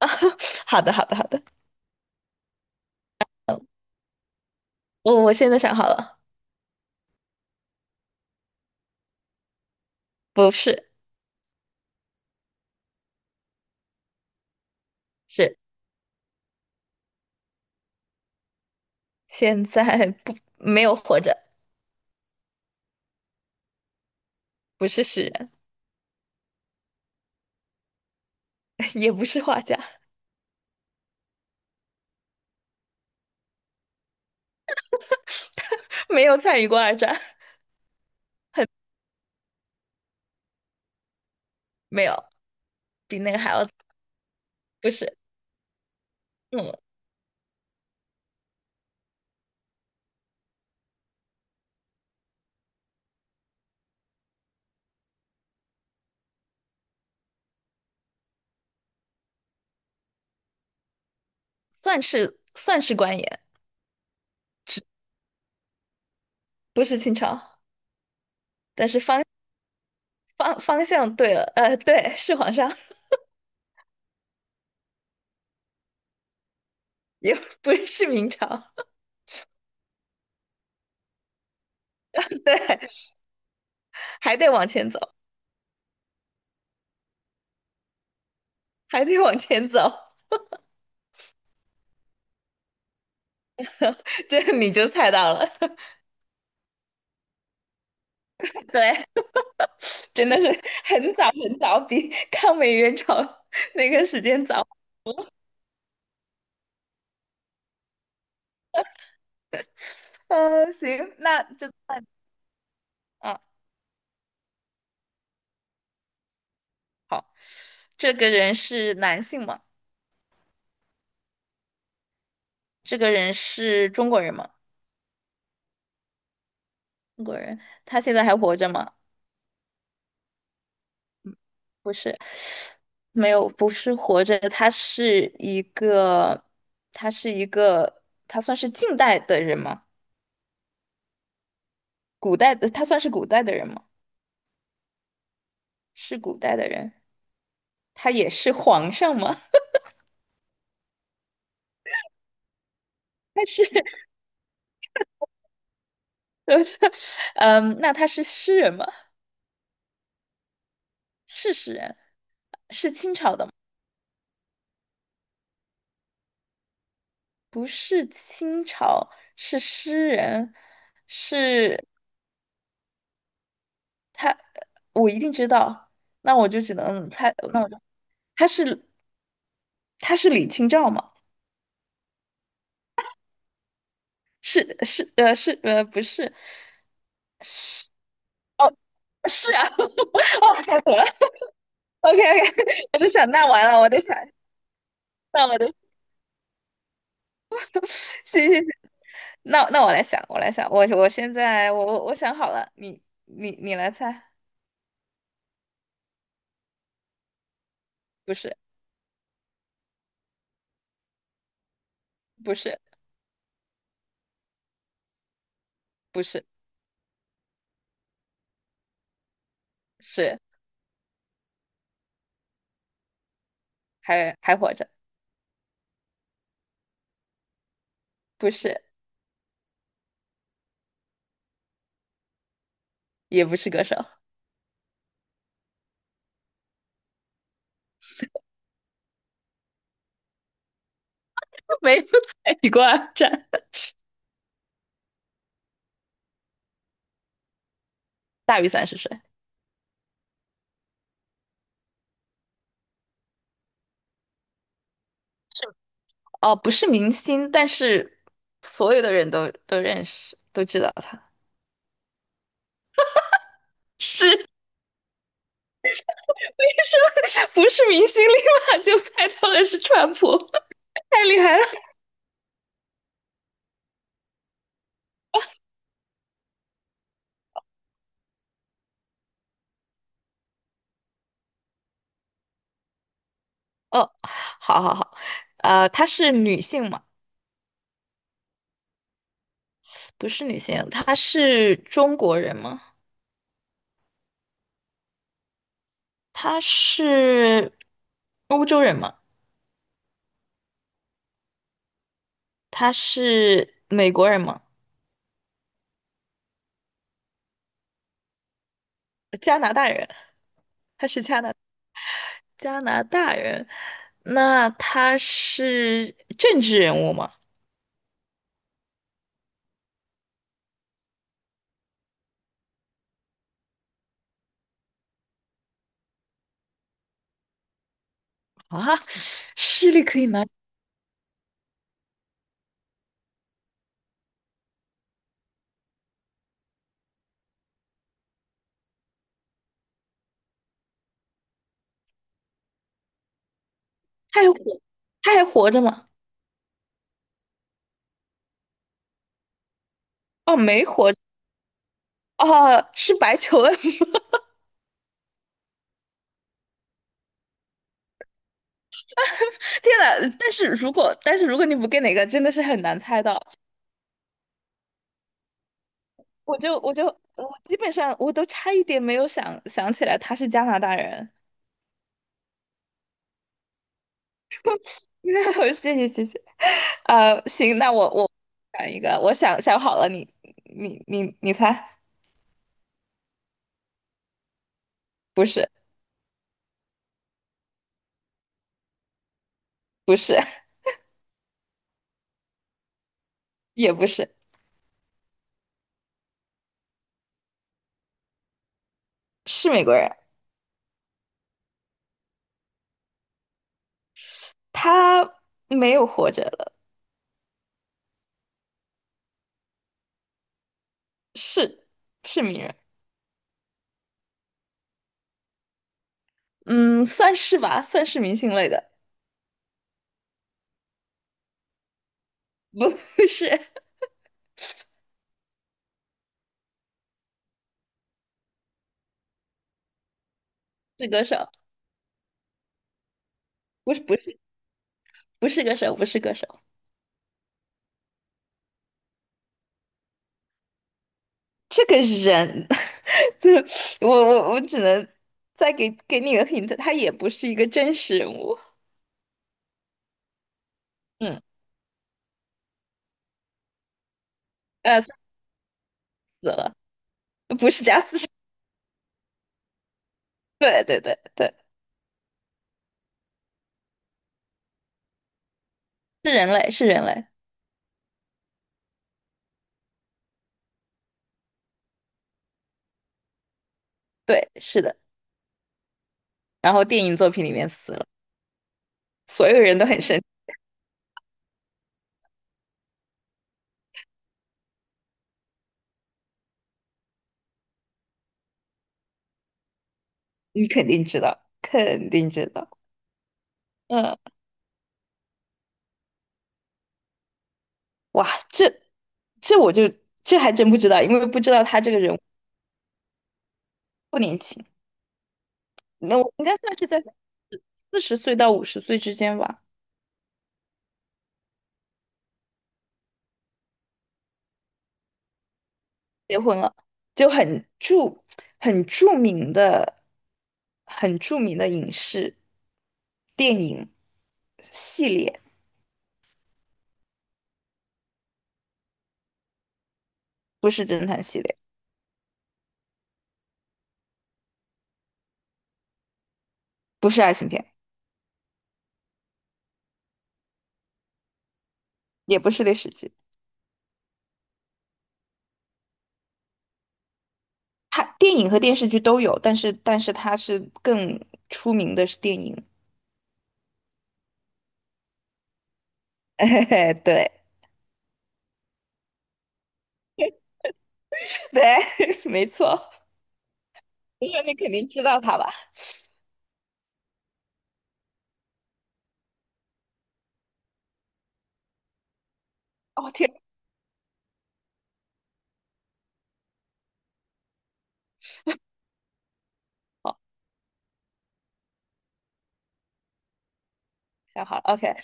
好的，好的，好的。嗯，我现在想好了。不是。是现在不没有活着。不是诗人。也不是画家。没有参与过二战。没有。比那个还要不是。嗯，算是官员。只不是清朝。但是方向对了，对，是皇上。也不是明朝。对，还得往前走。还得往前走。这你就猜到了。对，真的是很早很早，比抗美援朝那个时间早。嗯、行，那就算。啊，好。这个人是男性吗？这个人是中国人吗？中国人。他现在还活着吗？不是。没有。不是活着。他是一个。他算是近代的人吗？古代的。他算是古代的人吗？是古代的人。他也是皇上吗？他是。嗯，那他是诗人吗？是诗人。是清朝的吗？不是清朝。是诗人。是他。我一定知道。那我就只能猜。那我就他是他是李清照吗？是是是不是。是。哦。是啊。 哦吓死我了。 OK OK。 我在想那完了我得想。那我得 行行行。那我来想，我现在我想好了，你来猜。不是。不是。不是。是还活着。不是。也不是歌手。没有参与过二战。大于伞是岁。哦，不是明星，但是所有的人都认识，都知道他。是，为什么不是明星，立马就猜到了是川普？太厉害了！哦，好好好。她是女性吗？不是女性。她是中国人吗？她是欧洲人吗？她是美国人吗？加拿大人。加拿大人。那他是政治人物吗？啊，势力可以拿。他还活。他还活着吗？哦，没活着。哦，是白求恩。天呐，但是如果但是如果你不给哪个，真的是很难猜到。我就我就我基本上我都差一点没有想想起来他是加拿大人。谢谢谢谢。啊，行，那我想一个。我想想好了，你你猜。不是。不是。也不是。是美国人。他没有活着了。是。是名人。嗯，算是吧，算是明星类的。不 是。是歌手。不是。不是歌手。不是歌手。这个人，对，我只能再给你一个 hint，他也不是一个真实人物。嗯，他死了。不是假死。对对对对。是人类。是人类。对，是的。然后电影作品里面死了。所有人都很生。你肯定知道。肯定知道。嗯，哇，这我就这还真不知道，因为不知道他这个人不年轻。那我应该算是在40岁到50岁之间吧。结婚了。就很著名的很著名的影视电影系列。不是侦探系列。不是爱情片。也不是历史剧。他电影和电视剧都有，但是他是更出名的是电影。哎，对。对，没错。我说你肯定知道他吧？哦天。太好了，OK。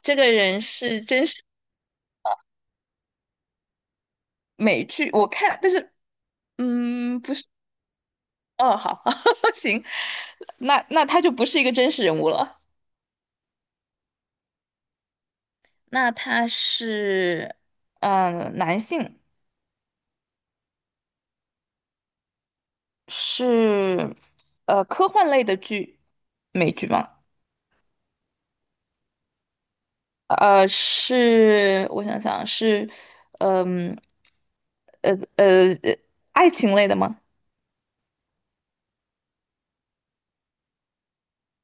这个人是真是美剧，我看，但是嗯，不是。哦，好。行，那那他就不是一个真实人物了。那他是嗯、男性。是科幻类的剧。美剧吗？是我想想是。嗯，呃呃，呃爱情类的吗？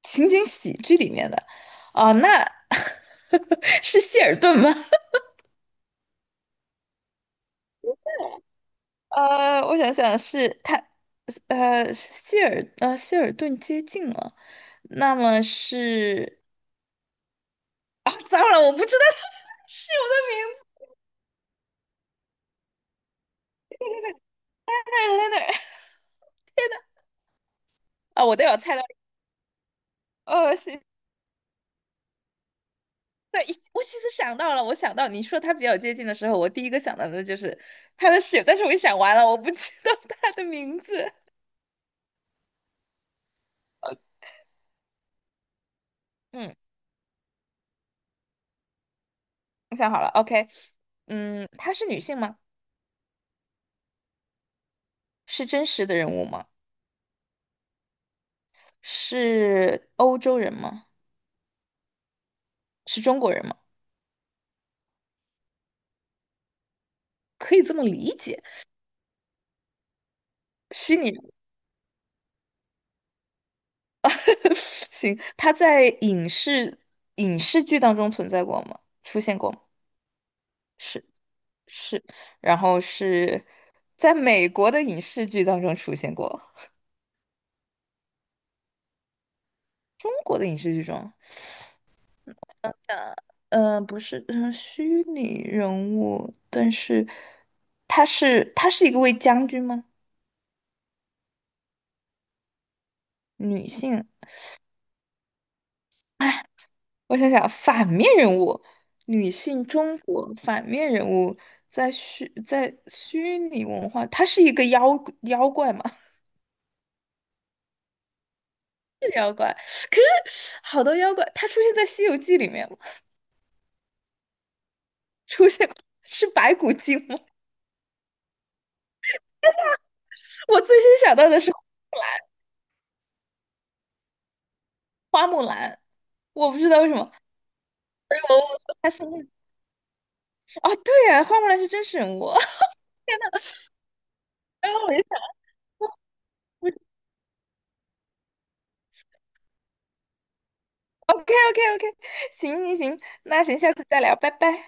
情景喜剧里面的。哦，那 是谢尔顿吗？我想想是他。谢尔顿接近了。那么是。啊，糟了，我不知道 是我的名字。在哪儿在哪儿。啊，我都有猜到。哦，是。对，我其实想到了。我想到你说他比较接近的时候，我第一个想到的就是他的室友，但是我一想完了，我不知道他的名字。嗯，我想好了，OK。嗯，她是女性吗？是真实的人物吗？是欧洲人吗？是中国人吗？可以这么理解。虚拟人物。行，他在影视剧当中存在过吗？出现过吗？是。是，然后是在美国的影视剧当中出现过。中国的影视剧中。等等。不是。嗯，虚拟人物，但是他是一个位将军吗？女性。我想想，反面人物。女性中国反面人物在虚拟文化。她是一个妖怪嘛？可是好多妖怪。她出现在《西游记》里面吗？出现过。是白骨精吗？我最先想到的是花木兰。我不知道为什么。我说她是那。哦，对啊，花木兰是真实人物。然后我就想，OK OK OK。行行行。那行，下次再聊，拜拜。